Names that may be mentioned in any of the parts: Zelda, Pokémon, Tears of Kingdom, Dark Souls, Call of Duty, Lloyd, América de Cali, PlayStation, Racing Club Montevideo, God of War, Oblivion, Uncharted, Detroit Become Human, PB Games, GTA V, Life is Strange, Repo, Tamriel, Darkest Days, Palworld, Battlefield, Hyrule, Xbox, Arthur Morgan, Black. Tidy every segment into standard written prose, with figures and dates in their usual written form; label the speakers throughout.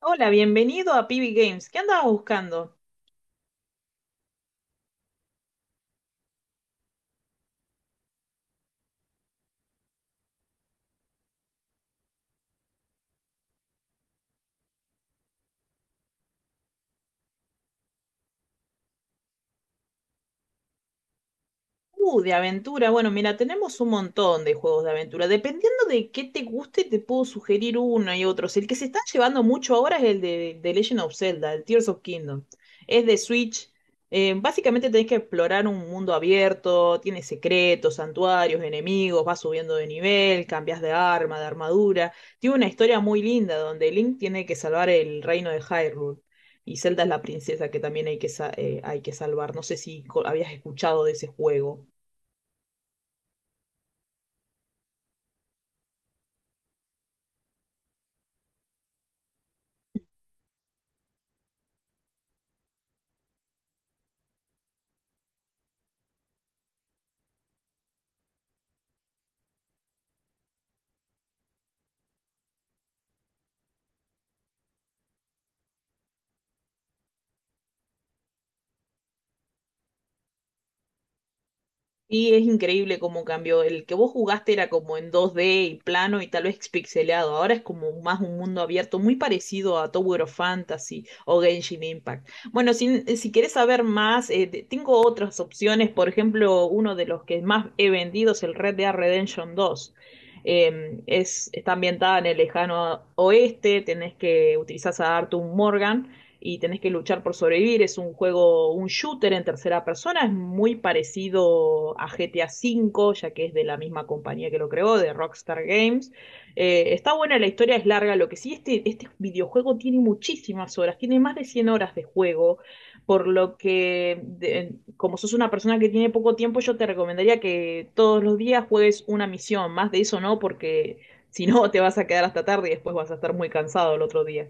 Speaker 1: Hola, bienvenido a PB Games. ¿Qué andabas buscando? De aventura. Bueno, mira, tenemos un montón de juegos de aventura. Dependiendo de qué te guste, te puedo sugerir uno y otros. El que se está llevando mucho ahora es el de Legend of Zelda, el Tears of Kingdom. Es de Switch. Básicamente tenés que explorar un mundo abierto, tiene secretos, santuarios, enemigos, vas subiendo de nivel, cambias de arma, de armadura. Tiene una historia muy linda donde Link tiene que salvar el reino de Hyrule. Y Zelda es la princesa que también hay que, hay que salvar. No sé si habías escuchado de ese juego. Y es increíble cómo cambió. El que vos jugaste era como en 2D y plano y tal vez pixeleado. Ahora es como más un mundo abierto, muy parecido a Tower of Fantasy o Genshin Impact. Bueno, si querés saber más, tengo otras opciones. Por ejemplo, uno de los que más he vendido es el Red Dead Redemption 2. Está ambientada en el lejano oeste, tenés que utilizar a Arthur Morgan y tenés que luchar por sobrevivir. Es un juego, un shooter en tercera persona, es muy parecido a GTA V, ya que es de la misma compañía que lo creó, de Rockstar Games. Está buena, la historia es larga, lo que sí, este videojuego tiene muchísimas horas, tiene más de 100 horas de juego, por lo que, como sos una persona que tiene poco tiempo, yo te recomendaría que todos los días juegues una misión, más de eso no, porque... Si no, te vas a quedar hasta tarde y después vas a estar muy cansado el otro día.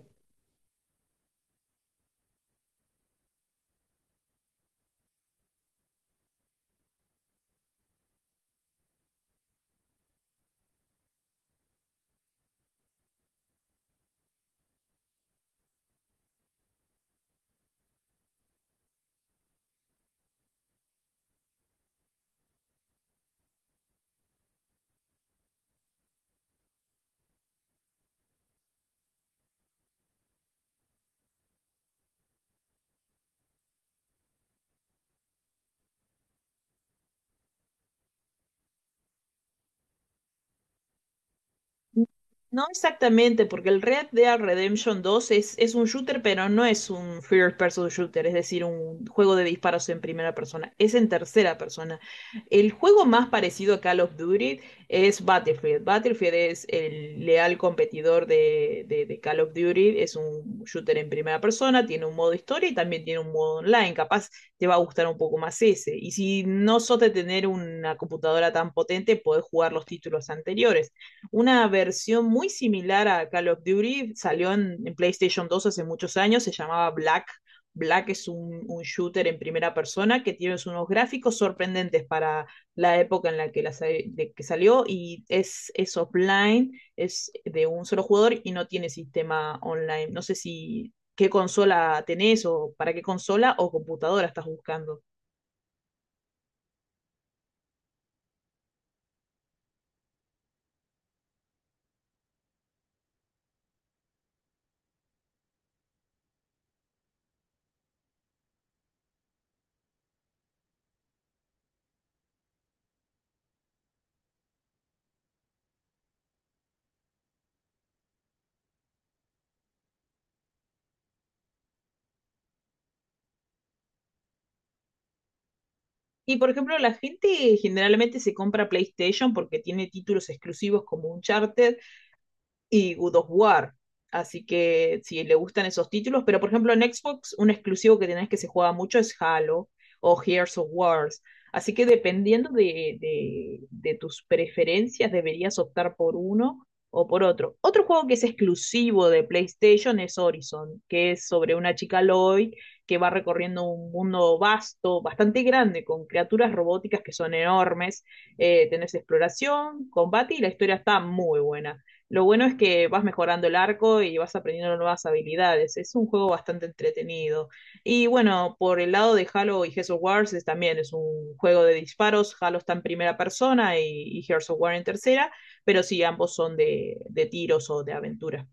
Speaker 1: No exactamente, porque el Red Dead Redemption dos es un shooter, pero no es un first person shooter, es decir, un juego de disparos en primera persona, es en tercera persona. El juego más parecido a Call of Duty es Battlefield. Battlefield es el leal competidor de Call of Duty, es un shooter en primera persona, tiene un modo historia y también tiene un modo online, capaz te va a gustar un poco más ese. Y si no sos de tener una computadora tan potente, podés jugar los títulos anteriores una versión muy similar a Call of Duty, salió en PlayStation dos hace muchos años, se llamaba Black. Black es un shooter en primera persona que tiene unos gráficos sorprendentes para la época en la que salió y es offline, es de un solo jugador y no tiene sistema online. No sé si qué consola tenés o para qué consola o computadora estás buscando. Y por ejemplo, la gente generalmente se compra PlayStation porque tiene títulos exclusivos como Uncharted y God of War. Así que si le gustan esos títulos, pero por ejemplo en Xbox un exclusivo que tenés que se juega mucho es Halo o Gears of Wars. Así que dependiendo de tus preferencias deberías optar por uno o por otro. Otro juego que es exclusivo de PlayStation es Horizon, que es sobre una chica Lloyd que va recorriendo un mundo vasto, bastante grande, con criaturas robóticas que son enormes. Tenés exploración, combate y la historia está muy buena. Lo bueno es que vas mejorando el arco y vas aprendiendo nuevas habilidades. Es un juego bastante entretenido. Y bueno, por el lado de Halo y Gears of War también es un juego de disparos. Halo está en primera persona y Gears of War en tercera, pero sí, ambos son de tiros o de aventura.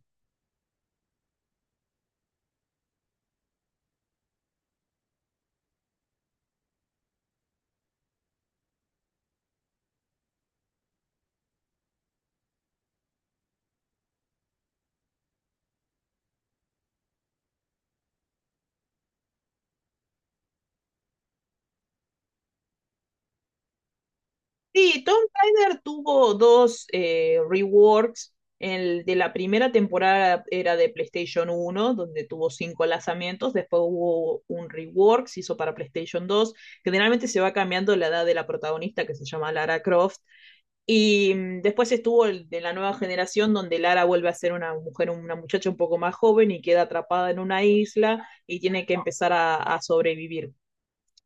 Speaker 1: Sí, Tom Tyler tuvo dos reworks. El de la primera temporada era de PlayStation uno, donde tuvo cinco lanzamientos. Después hubo un rework, se hizo para PlayStation 2. Generalmente se va cambiando la edad de la protagonista, que se llama Lara Croft. Y después estuvo el de la nueva generación, donde Lara vuelve a ser una mujer, una muchacha un poco más joven y queda atrapada en una isla y tiene que empezar a sobrevivir.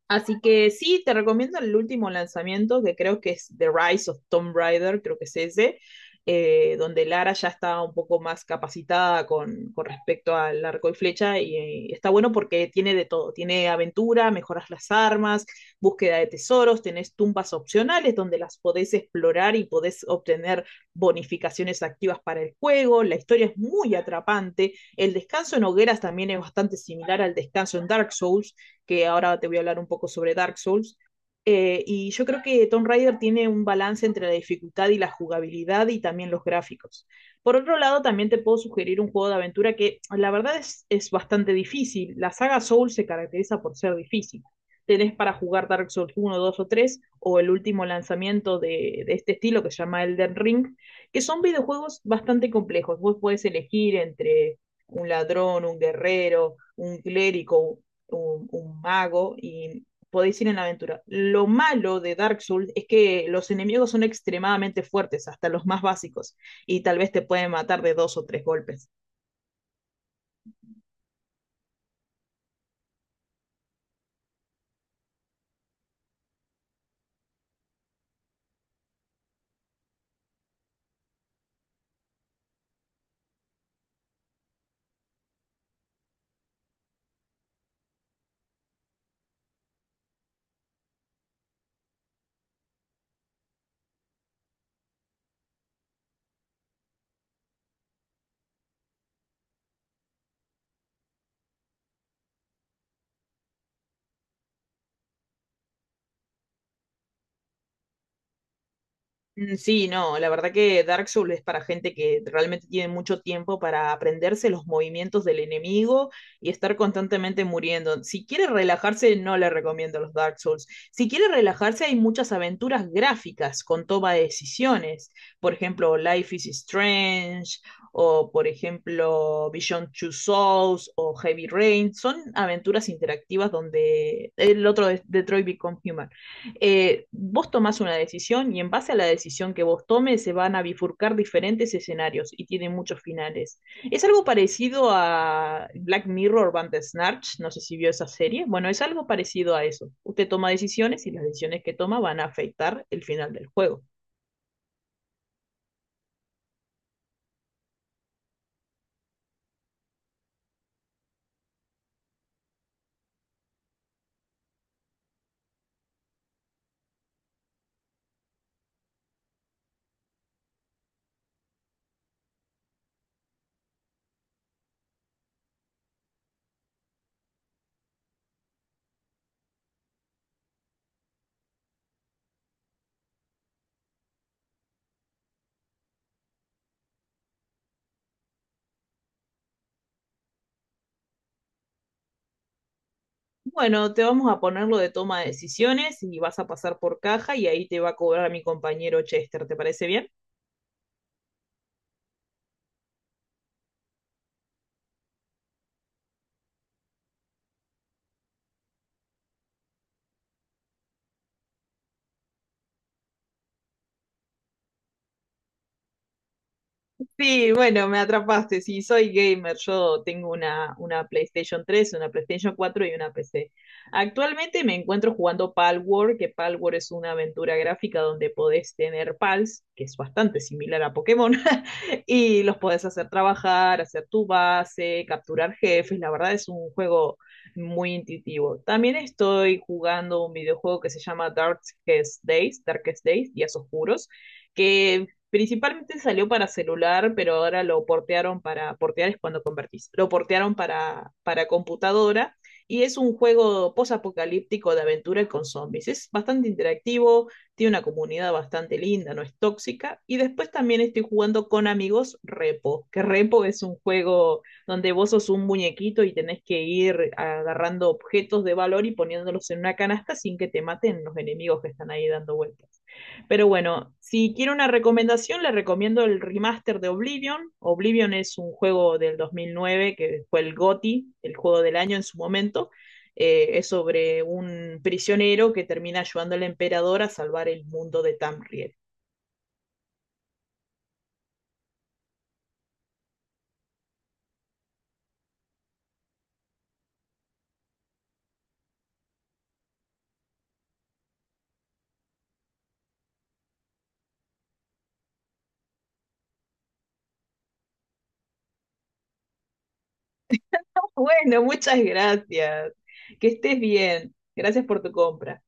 Speaker 1: Así que sí, te recomiendo el último lanzamiento, que creo que es The Rise of Tomb Raider, creo que es ese, donde Lara ya está un poco más capacitada con respecto al arco y flecha, y, está bueno porque tiene de todo, tiene aventura, mejoras las armas, búsqueda de tesoros, tenés tumbas opcionales donde las podés explorar y podés obtener bonificaciones activas para el juego, la historia es muy atrapante, el descanso en hogueras también es bastante similar al descanso en Dark Souls, que ahora te voy a hablar un poco sobre Dark Souls. Y yo creo que Tomb Raider tiene un balance entre la dificultad y la jugabilidad y también los gráficos. Por otro lado, también te puedo sugerir un juego de aventura que la verdad es bastante difícil. La saga Souls se caracteriza por ser difícil. Tenés para jugar Dark Souls uno 2 o 3 o el último lanzamiento de este estilo que se llama Elden Ring, que son videojuegos bastante complejos. Vos podés elegir entre un ladrón, un guerrero, un clérigo, un mago y podéis ir en la aventura. Lo malo de Dark Souls es que los enemigos son extremadamente fuertes, hasta los más básicos, y tal vez te pueden matar de dos o tres golpes. Mm, sí, no, la verdad que Dark Souls es para gente que realmente tiene mucho tiempo para aprenderse los movimientos del enemigo y estar constantemente muriendo. Si quiere relajarse, no le recomiendo los Dark Souls. Si quiere relajarse, hay muchas aventuras gráficas con toma de decisiones. Por ejemplo, Life is Strange o, por ejemplo, Beyond Two Souls o Heavy Rain. Son aventuras interactivas donde el otro es Detroit Become Human. Vos tomás una decisión y en base a la decisión que vos tomes se van a bifurcar diferentes escenarios y tienen muchos finales. Es algo parecido a Black Mirror Bandersnatch, no sé si vio esa serie. Bueno, es algo parecido a eso. Usted toma decisiones y las decisiones que toma van a afectar el final del juego. Bueno, te vamos a ponerlo de toma de decisiones y vas a pasar por caja y ahí te va a cobrar a mi compañero Chester, ¿te parece bien? Sí, bueno, me atrapaste. Sí, soy gamer. Yo tengo una PlayStation tres, una PlayStation cuatro y una PC. Actualmente me encuentro jugando Palworld, que Palworld es una aventura gráfica donde podés tener pals, que es bastante similar a Pokémon, y los podés hacer trabajar, hacer tu base, capturar jefes. La verdad es un juego muy intuitivo. También estoy jugando un videojuego que se llama Darkest Days, Días Oscuros que principalmente salió para celular, pero ahora lo portearon para, portear es cuando convertís, lo portearon para computadora y es un juego posapocalíptico de aventura con zombies. Es bastante interactivo, tiene una comunidad bastante linda, no es tóxica. Y después también estoy jugando con amigos Repo, que Repo es un juego donde vos sos un muñequito y tenés que ir agarrando objetos de valor y poniéndolos en una canasta sin que te maten los enemigos que están ahí dando vueltas. Pero bueno, si quiero una recomendación, le recomiendo el remaster de Oblivion. Oblivion es un juego del 2009 que fue el GOTY, el juego del año en su momento. Es sobre un prisionero que termina ayudando al emperador a salvar el mundo de Tamriel. Bueno, muchas gracias. Que estés bien. Gracias por tu compra.